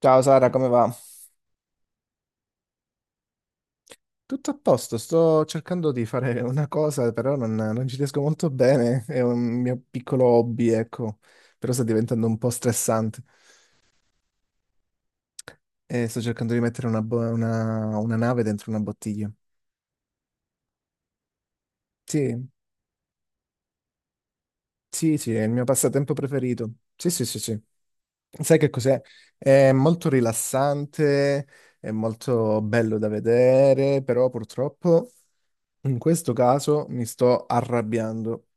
Ciao Sara, come va? Tutto a posto, sto cercando di fare una cosa, però non ci riesco molto bene, è un mio piccolo hobby, ecco, però sta diventando un po' stressante e sto cercando di mettere una nave dentro una bottiglia. Sì, sì, sì, è il mio passatempo preferito. Sì, sì, sì, sì. Sai che cos'è? È molto rilassante, è molto bello da vedere, però purtroppo in questo caso mi sto arrabbiando.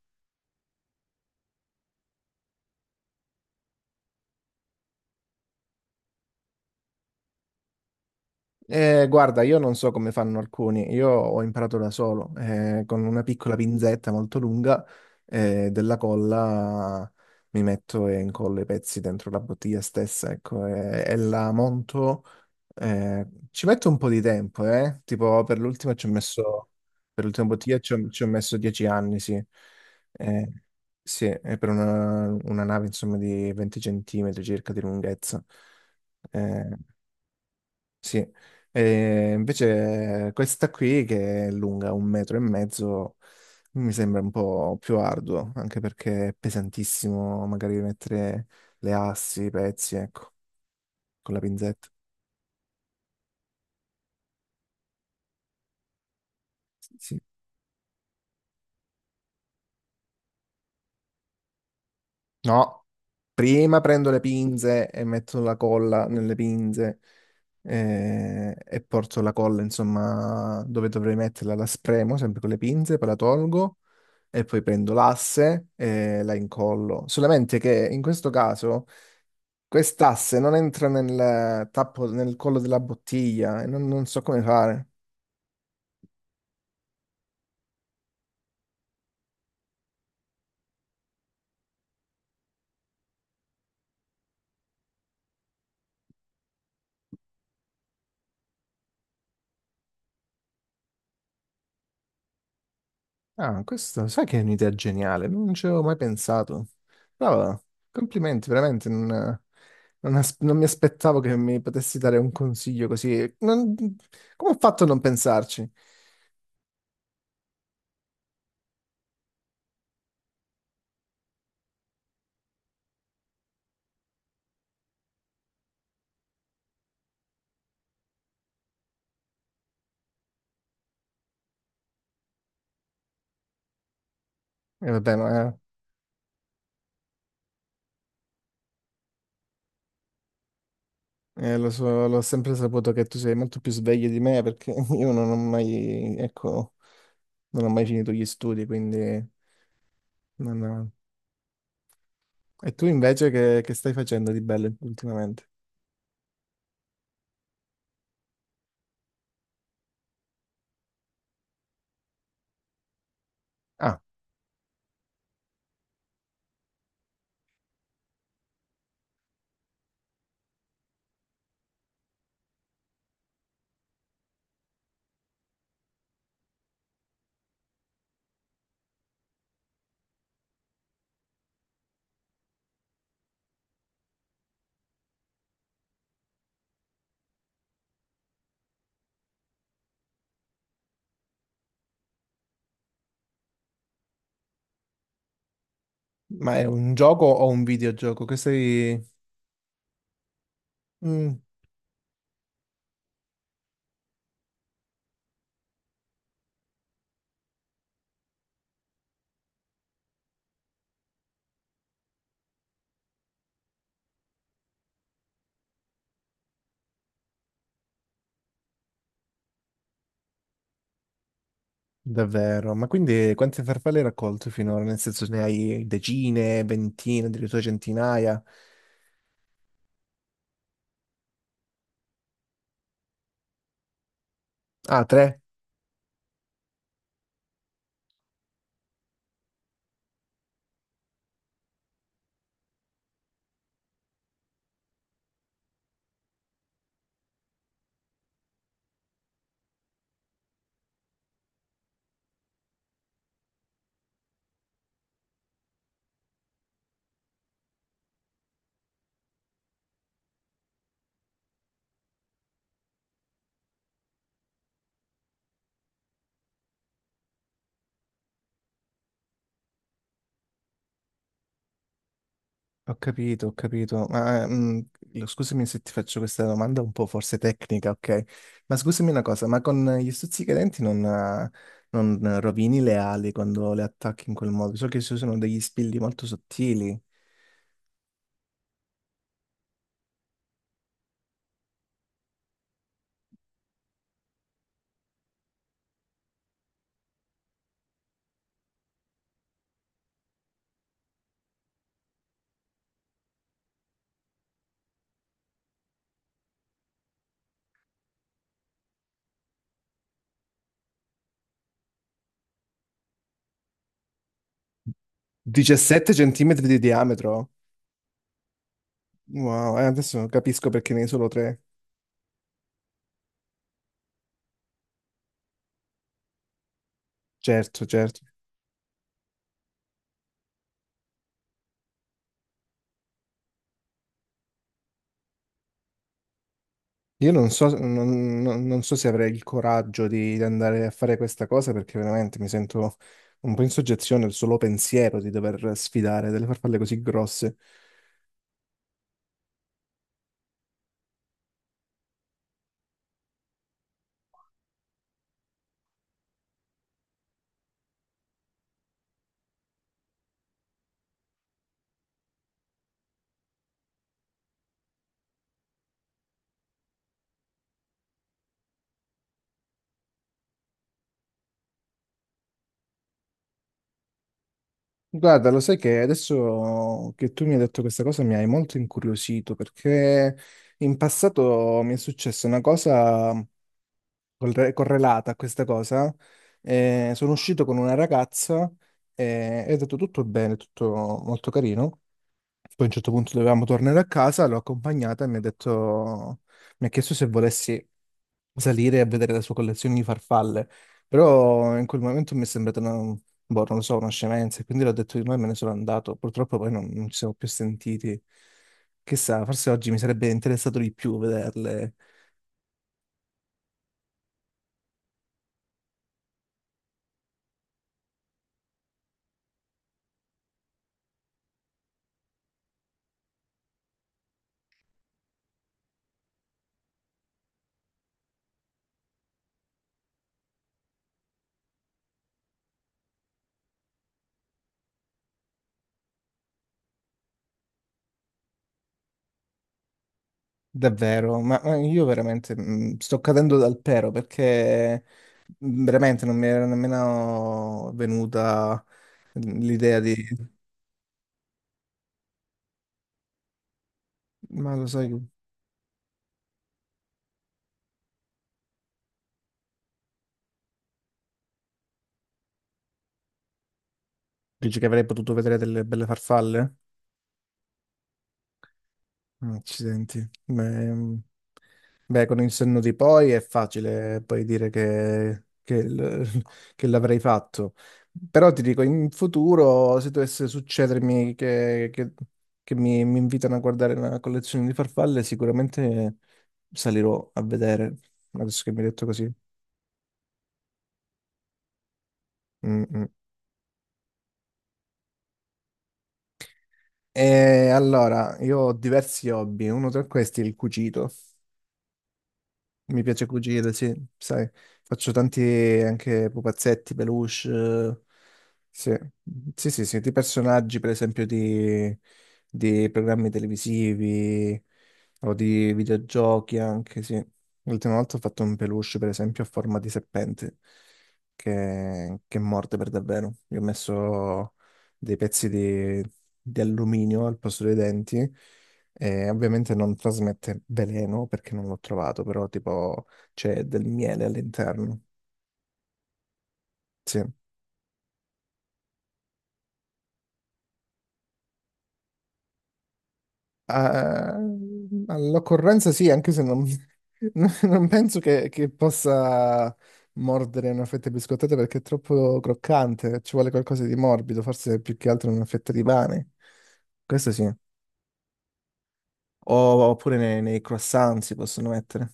Guarda, io non so come fanno alcuni, io ho imparato da solo, con una piccola pinzetta molto lunga, della colla mi metto e incollo i pezzi dentro la bottiglia stessa, ecco, e la monto, eh, ci metto un po' di tempo, tipo per l'ultima bottiglia ci ho messo 10 anni, sì. Eh, sì, è per una nave insomma di 20 centimetri circa di lunghezza. Eh, sì, e invece questa qui che è lunga un metro e mezzo mi sembra un po' più arduo, anche perché è pesantissimo magari mettere le assi, i pezzi, ecco, con la pinzetta. Sì. Sì. No, prima prendo le pinze e metto la colla nelle pinze, e porto la colla, insomma, dove dovrei metterla, la spremo sempre con le pinze, poi la tolgo e poi prendo l'asse e la incollo. Solamente che in questo caso quest'asse non entra nel tappo, nel collo della bottiglia e non so come fare. Ah, questo, sai che è un'idea geniale, non ci avevo mai pensato. Brava, complimenti, veramente non mi aspettavo che mi potessi dare un consiglio così. Come ho fatto a non pensarci? E vabbè, ma lo so, l'ho sempre saputo che tu sei molto più sveglio di me perché io non ho mai, ecco, non ho mai finito gli studi, quindi. Non ho- E tu invece che stai facendo di bello ultimamente? Ah, ma è un gioco o un videogioco? Che sei. Mm, Davvero? Ma quindi quante farfalle hai raccolto finora? Nel senso ne hai decine, ventine, addirittura centinaia? Ah, tre? Ho capito, ho capito. Ma, scusami se ti faccio questa domanda un po' forse tecnica, ok? Ma scusami una cosa, ma con gli stuzzicadenti non rovini le ali quando le attacchi in quel modo? So che ci sono degli spilli molto sottili. 17 centimetri di diametro? Wow, adesso capisco perché ne hai solo 3. Certo, certo. Io non so se avrei il coraggio di andare a fare questa cosa perché veramente mi sento un po' in soggezione al solo pensiero di dover sfidare delle farfalle così grosse. Guarda, lo sai che adesso che tu mi hai detto questa cosa mi hai molto incuriosito perché in passato mi è successa una cosa correlata a questa cosa. Sono uscito con una ragazza e è andato tutto bene, tutto molto carino. Poi a un certo punto dovevamo tornare a casa, l'ho accompagnata e mi ha chiesto se volessi salire a vedere la sua collezione di farfalle, però in quel momento mi è sembrata una, boh, non lo so, una scemenza, e quindi l'ho detto di no e me ne sono andato. Purtroppo poi non ci siamo più sentiti. Chissà, forse oggi mi sarebbe interessato di più vederle. Davvero, ma io veramente sto cadendo dal pero perché veramente non mi era nemmeno venuta l'idea di. Ma lo sai, dici che avrei potuto vedere delle belle farfalle? Accidenti. Beh, beh, con il senno di poi è facile poi dire che l'avrei fatto. Però ti dico, in futuro, se dovesse succedermi che mi invitano a guardare una collezione di farfalle, sicuramente salirò a vedere, adesso che mi hai detto così. Mm, mm. E allora, io ho diversi hobby, uno tra questi è il cucito. Mi piace cucire, sì, sai, faccio tanti anche pupazzetti, peluche, sì, sì, sì, sì, di personaggi, per esempio, di programmi televisivi o di videogiochi anche, sì. L'ultima volta ho fatto un peluche, per esempio, a forma di serpente, che morde per davvero. Io ho messo dei pezzi di alluminio al posto dei denti e ovviamente non trasmette veleno perché non l'ho trovato, però tipo c'è del miele all'interno. Sì. Ah, all'occorrenza sì, anche se non, non penso che possa mordere una fetta di biscottata perché è troppo croccante, ci vuole qualcosa di morbido, forse più che altro una fetta di pane. Questo sì. Oppure nei, croissant si possono mettere.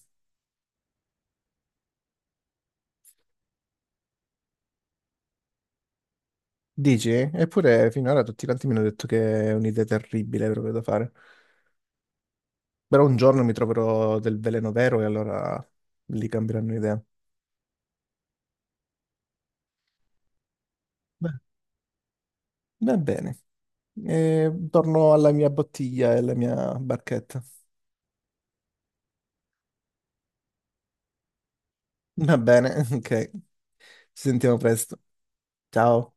Dici? Eppure finora tutti quanti mi hanno detto che è un'idea terribile proprio da fare. Però un giorno mi troverò del veleno vero e allora lì cambieranno idea. Beh, va bene. E torno alla mia bottiglia e alla mia barchetta. Va bene, ok. Ci sentiamo presto. Ciao.